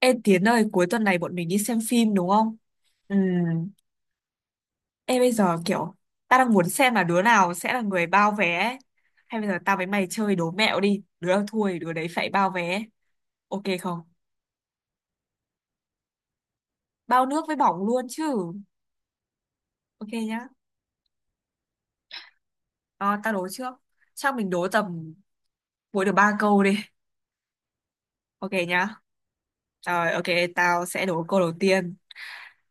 Ê Tiến ơi, cuối tuần này bọn mình đi xem phim đúng không? Ừ. Ê bây giờ kiểu ta đang muốn xem là đứa nào sẽ là người bao vé ấy. Hay bây giờ tao với mày chơi đố mẹo đi. Đứa nào thua thì đứa đấy phải bao vé. Ok không? Bao nước với bỏng luôn chứ. Ok nhá. Ờ, tao đố trước. Chắc mình đố tầm mỗi được ba câu đi. Ok nhá. Rồi ok, tao sẽ đố câu đầu tiên.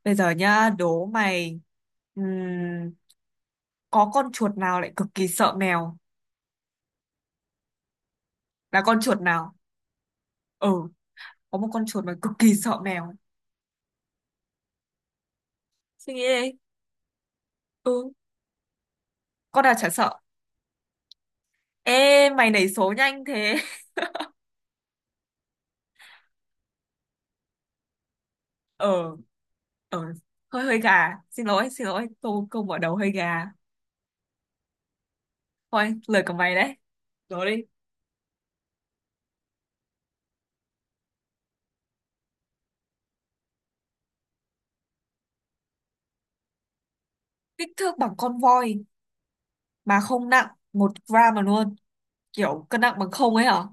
Bây giờ nhá, đố mày ừm, có con chuột nào lại cực kỳ sợ mèo? Là con chuột nào? Ừ. Có một con chuột mà cực kỳ sợ mèo. Suy nghĩ đi. Ừ, con nào chả sợ. Ê mày nảy số nhanh thế. Ờ. Ờ, hơi hơi gà, xin lỗi xin lỗi, câu câu mở đầu hơi gà. Thôi lời của mày đấy. Rồi đi. Kích thước bằng con voi mà không nặng một gram mà luôn, kiểu cân nặng bằng không ấy hả?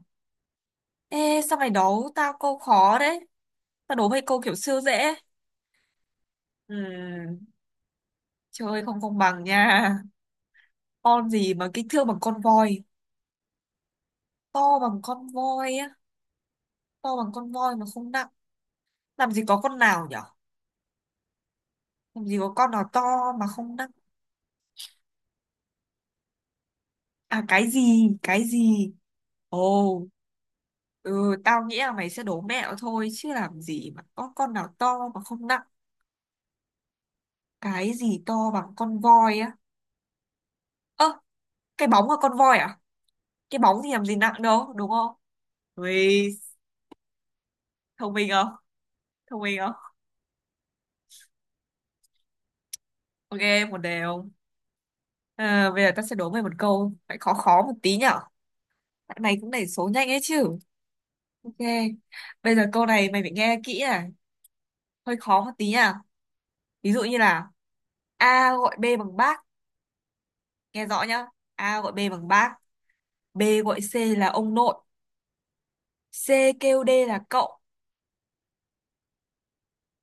Ê sao mày đố tao câu khó đấy, tao đố mày câu kiểu siêu dễ. Ừ, chơi không công bằng nha. Con gì mà kích thước bằng con voi, to bằng con voi á, to bằng con voi mà không nặng? Làm gì có con nào nhở. Làm gì có con nào to mà không nặng. À cái gì cái gì. Ồ. Ừ, tao nghĩ là mày sẽ đố mẹo thôi, chứ làm gì mà có con nào to mà không nặng. Cái gì to bằng con voi á? Ơ, cái bóng là con voi à? Cái bóng thì làm gì nặng đâu đúng không? Ui, thông minh không? Thông minh không? Ok, 1-1. À, bây giờ tao sẽ đố mày một câu phải khó khó một tí nhở, tại mày cũng đẩy số nhanh ấy chứ. Ok. Bây giờ câu này mày phải nghe kỹ à, hơi khó một tí nha. Ví dụ như là A gọi B bằng bác, nghe rõ nhá. A gọi B bằng bác, B gọi C là ông nội, C kêu D là cậu,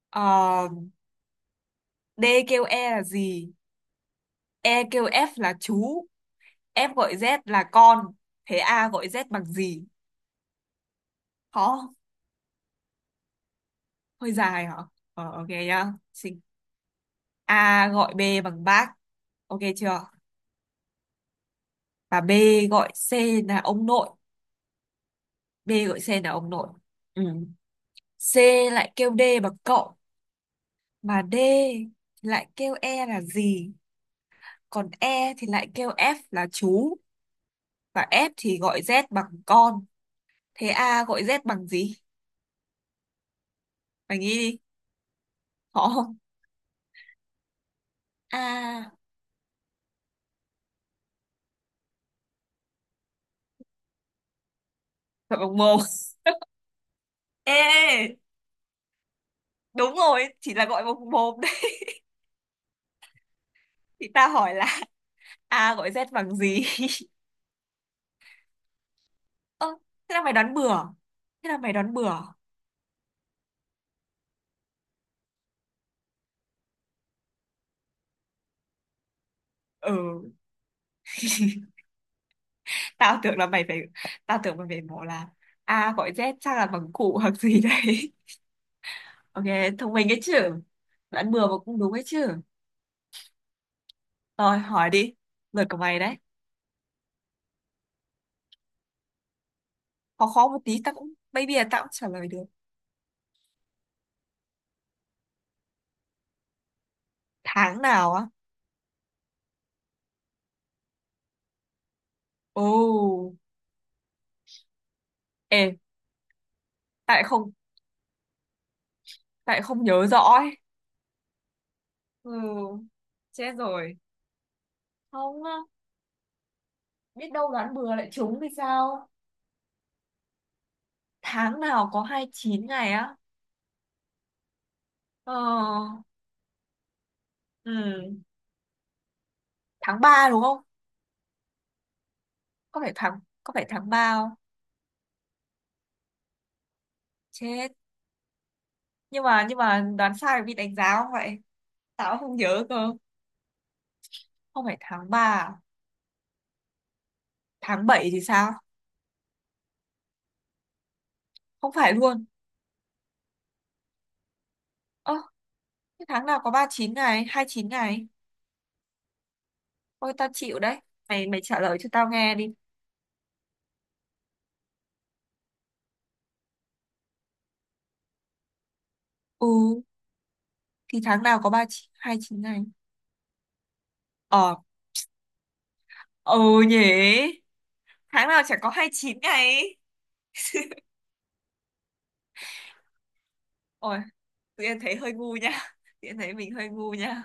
ờ, D kêu E là gì, E kêu F là chú, F gọi Z là con. Thế A gọi Z bằng gì? Khó không? Hơi dài hả? Ờ, ok nhá. Xin. A gọi B bằng bác, ok chưa? Và B gọi C là ông nội. B gọi C là ông nội. Ừ. C lại kêu D bằng cậu. Mà D lại kêu E là gì? Còn E thì lại kêu F là chú. Và F thì gọi Z bằng con. Thế A gọi Z bằng gì? Mày nghĩ đi. Khó không? A gọi bằng mồm. Ê, ê, đúng rồi. Chỉ là gọi bằng mồm đấy. Thì ta hỏi là A gọi Z bằng gì? Ơ, thế là mày đoán bừa. Thế là mày đoán bừa. Ừ, tao tưởng là mày phải... Tao tưởng mày phải bảo là A gọi Z chắc là bằng cụ hoặc gì đấy. Ok, thông minh ấy chứ. Đoán bừa mà cũng đúng ấy chứ. Rồi, hỏi đi. Lượt của mày đấy. Khó khó một tí, tao cũng, maybe là tao cũng trả lời được. Tháng nào á? Ồ, ê, tại lại không, tại lại không nhớ rõ ấy. Ừ, chết rồi. Không, á, biết đâu đoán bừa lại trúng thì sao? Tháng nào có 29 ngày á? Ờ, ừ, tháng 3 đúng không? Có phải tháng 3 không? Chết. Nhưng mà đoán sai bị đánh giá không vậy? Tao không nhớ cơ. Không phải tháng 3, à? Tháng 7 thì sao? Không phải luôn. Ơ, cái tháng nào có 39 ngày, 29 ngày. Ôi tao chịu đấy. Mày mày trả lời cho tao nghe đi. Ừ, thì tháng nào có 39 chín, 29 ngày. Ờ. Ừ. Nhỉ. Tháng nào chả có 29 ngày ấy. Ôi, tự nhiên thấy hơi ngu nha. Tự nhiên thấy mình hơi ngu nha.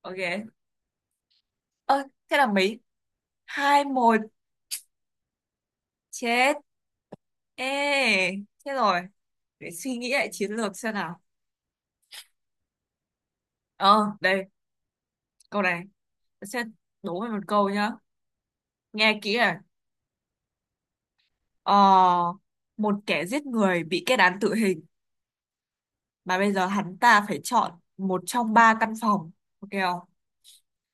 Ok. Ơ, thế là mấy, 2-1? Chết. Ê, chết rồi, để suy nghĩ lại chiến lược xem nào. Ờ, đây, câu này sẽ đố mày một câu nhá, nghe kỹ à. Ờ, một kẻ giết người bị kết án tử hình, mà bây giờ hắn ta phải chọn một trong ba căn phòng, ok không?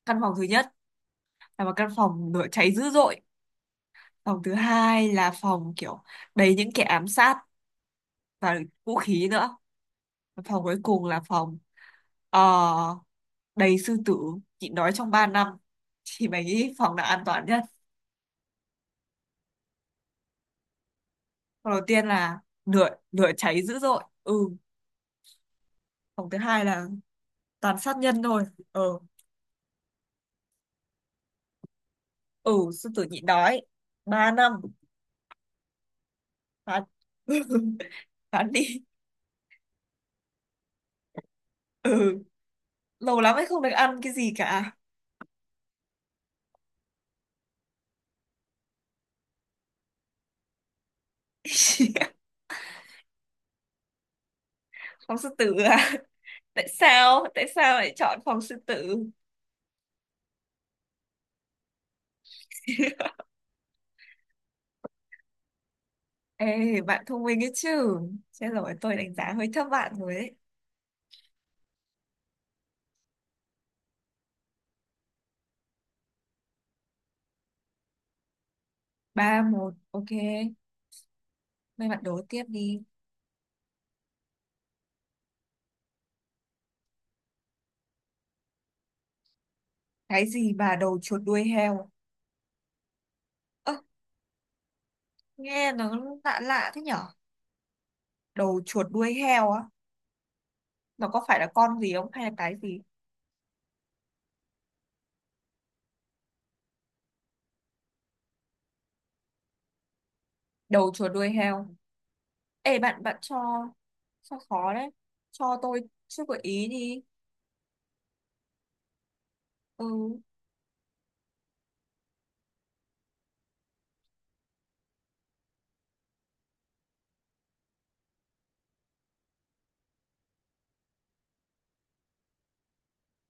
Căn phòng thứ nhất là một căn phòng lửa cháy dữ dội. Phòng thứ hai là phòng kiểu đầy những kẻ ám sát và vũ khí nữa. Và phòng cuối cùng là phòng, ờ, đầy sư tử nhịn đói trong 3 năm. Thì mày nghĩ phòng nào an toàn nhất? Phòng đầu tiên là lửa lửa cháy dữ dội, ừ. Phòng thứ hai là toàn sát nhân thôi, ừ. Ừ, sư tử nhịn đói 3 năm. Phán. Phán đi. Ừ, lâu lắm ấy, không được ăn cái gì cả. Phòng sư tử à? Tại sao, tại sao lại chọn phòng sư tử? Ê bạn thông minh ấy chứ. Chết rồi, tôi đánh giá hơi thấp bạn rồi ấy. 3-1, ok. Mấy bạn đố tiếp đi. Cái gì mà đầu chuột đuôi heo? Ơ, nghe nó lạ lạ thế nhở. Đầu chuột đuôi heo á. Nó có phải là con gì không hay là cái gì? Đầu chuột đuôi heo. Ê, bạn bạn cho khó đấy, cho tôi chút gợi ý đi. Ừ,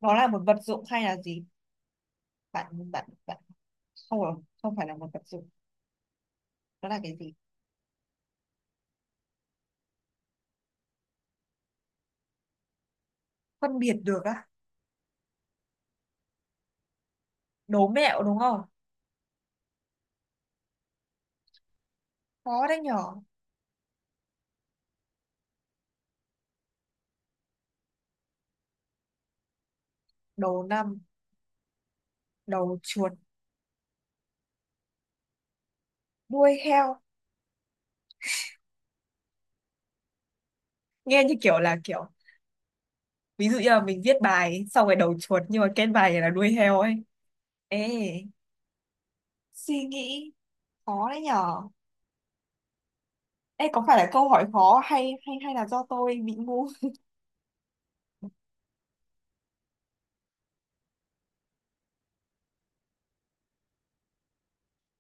nó là một vật dụng hay là gì? Bạn bạn bạn. Không rồi, không phải là một vật dụng. Nó là cái gì? Phân biệt được á. Đố mẹo đúng không? Khó đấy nhỏ. Đầu năm, đầu chuột đuôi heo. Nghe như kiểu là kiểu ví dụ như là mình viết bài xong rồi đầu chuột, nhưng mà kết bài là đuôi heo ấy. Ê, suy nghĩ, khó đấy nhỏ. Ê, có phải là câu hỏi khó, hay hay hay là do tôi bị ngu?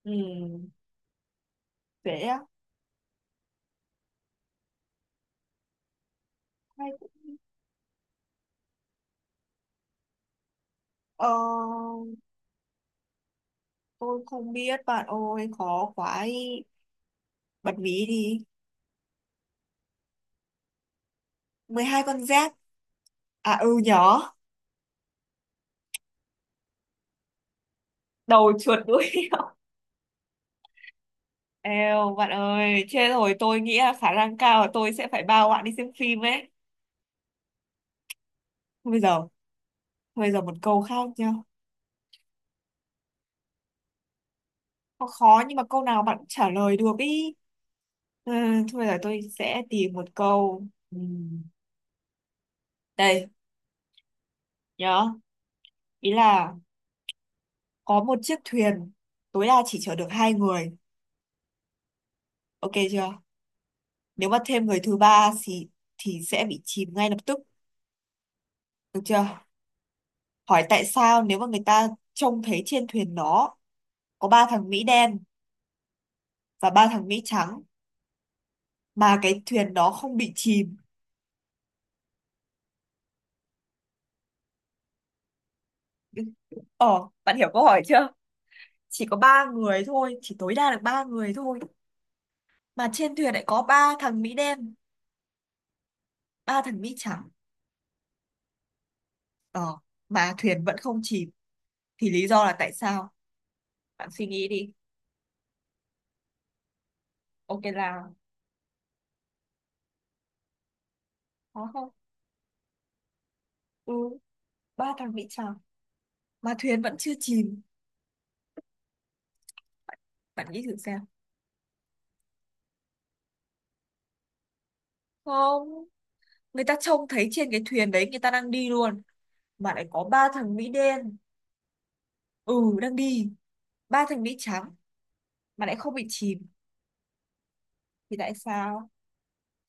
Ừ. Dễ. Hay. Ờ, tôi không biết bạn ơi, khó quá ý. Bật mí đi. 12 con giáp. À ừ nhỏ. Đầu chuột đuôi heo. Eo bạn ơi, chết rồi, tôi nghĩ là khả năng cao là tôi sẽ phải bao bạn đi xem phim ấy. Thôi bây giờ thôi, bây giờ một câu khác nhá. Khó khó nhưng mà câu nào bạn cũng trả lời được ý. Ừ, thôi bây giờ tôi sẽ tìm một câu. Ừ, đây, nhớ, ý là có một chiếc thuyền tối đa chỉ chở được hai người, ok chưa? Nếu mà thêm người thứ ba thì sẽ bị chìm ngay lập tức, được chưa? Hỏi tại sao nếu mà người ta trông thấy trên thuyền nó có ba thằng Mỹ đen và ba thằng Mỹ trắng mà cái thuyền đó không bị chìm. Ờ, bạn hiểu câu hỏi chưa? Chỉ có ba người thôi, chỉ tối đa được ba người thôi. Mà trên thuyền lại có ba thằng Mỹ đen, ba thằng Mỹ trắng. Ờ, mà thuyền vẫn không chìm. Thì lý do là tại sao? Bạn suy nghĩ đi. Ok, là có không? Ừ, ba thằng Mỹ trắng mà thuyền vẫn chưa chìm, bạn nghĩ thử xem. Không, người ta trông thấy trên cái thuyền đấy người ta đang đi luôn, mà lại có ba thằng Mỹ đen, ừ, đang đi, ba thằng Mỹ trắng, mà lại không bị chìm. Thì tại sao,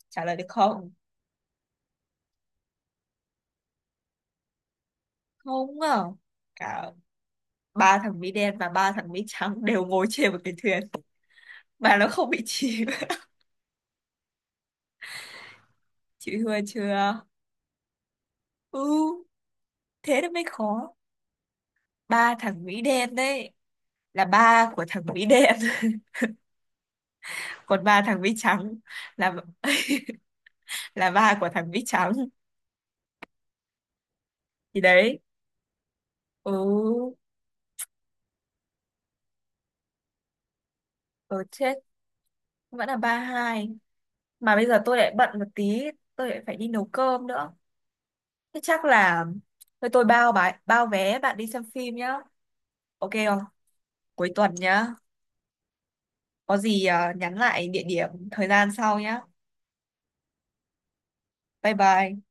trả lời được không? Không à. Cả ba thằng Mỹ đen và ba thằng Mỹ trắng đều ngồi trên một cái thuyền mà nó không bị chìm. Chị thua chưa? Ừ, thế nó mới khó. Ba thằng Mỹ đen đấy là ba của thằng Mỹ đen. Còn ba thằng Mỹ trắng là là ba của thằng Vít Trắng. Thì đấy. Ừ. Ừ, chết, vẫn là 3-2. Mà bây giờ tôi lại bận một tí, tôi lại phải đi nấu cơm nữa. Thế chắc là thôi tôi bao bài, bao vé bạn đi xem phim nhá, ok không? Cuối tuần nhá. Có gì, à, nhắn lại địa điểm thời gian sau nhá. Bye bye.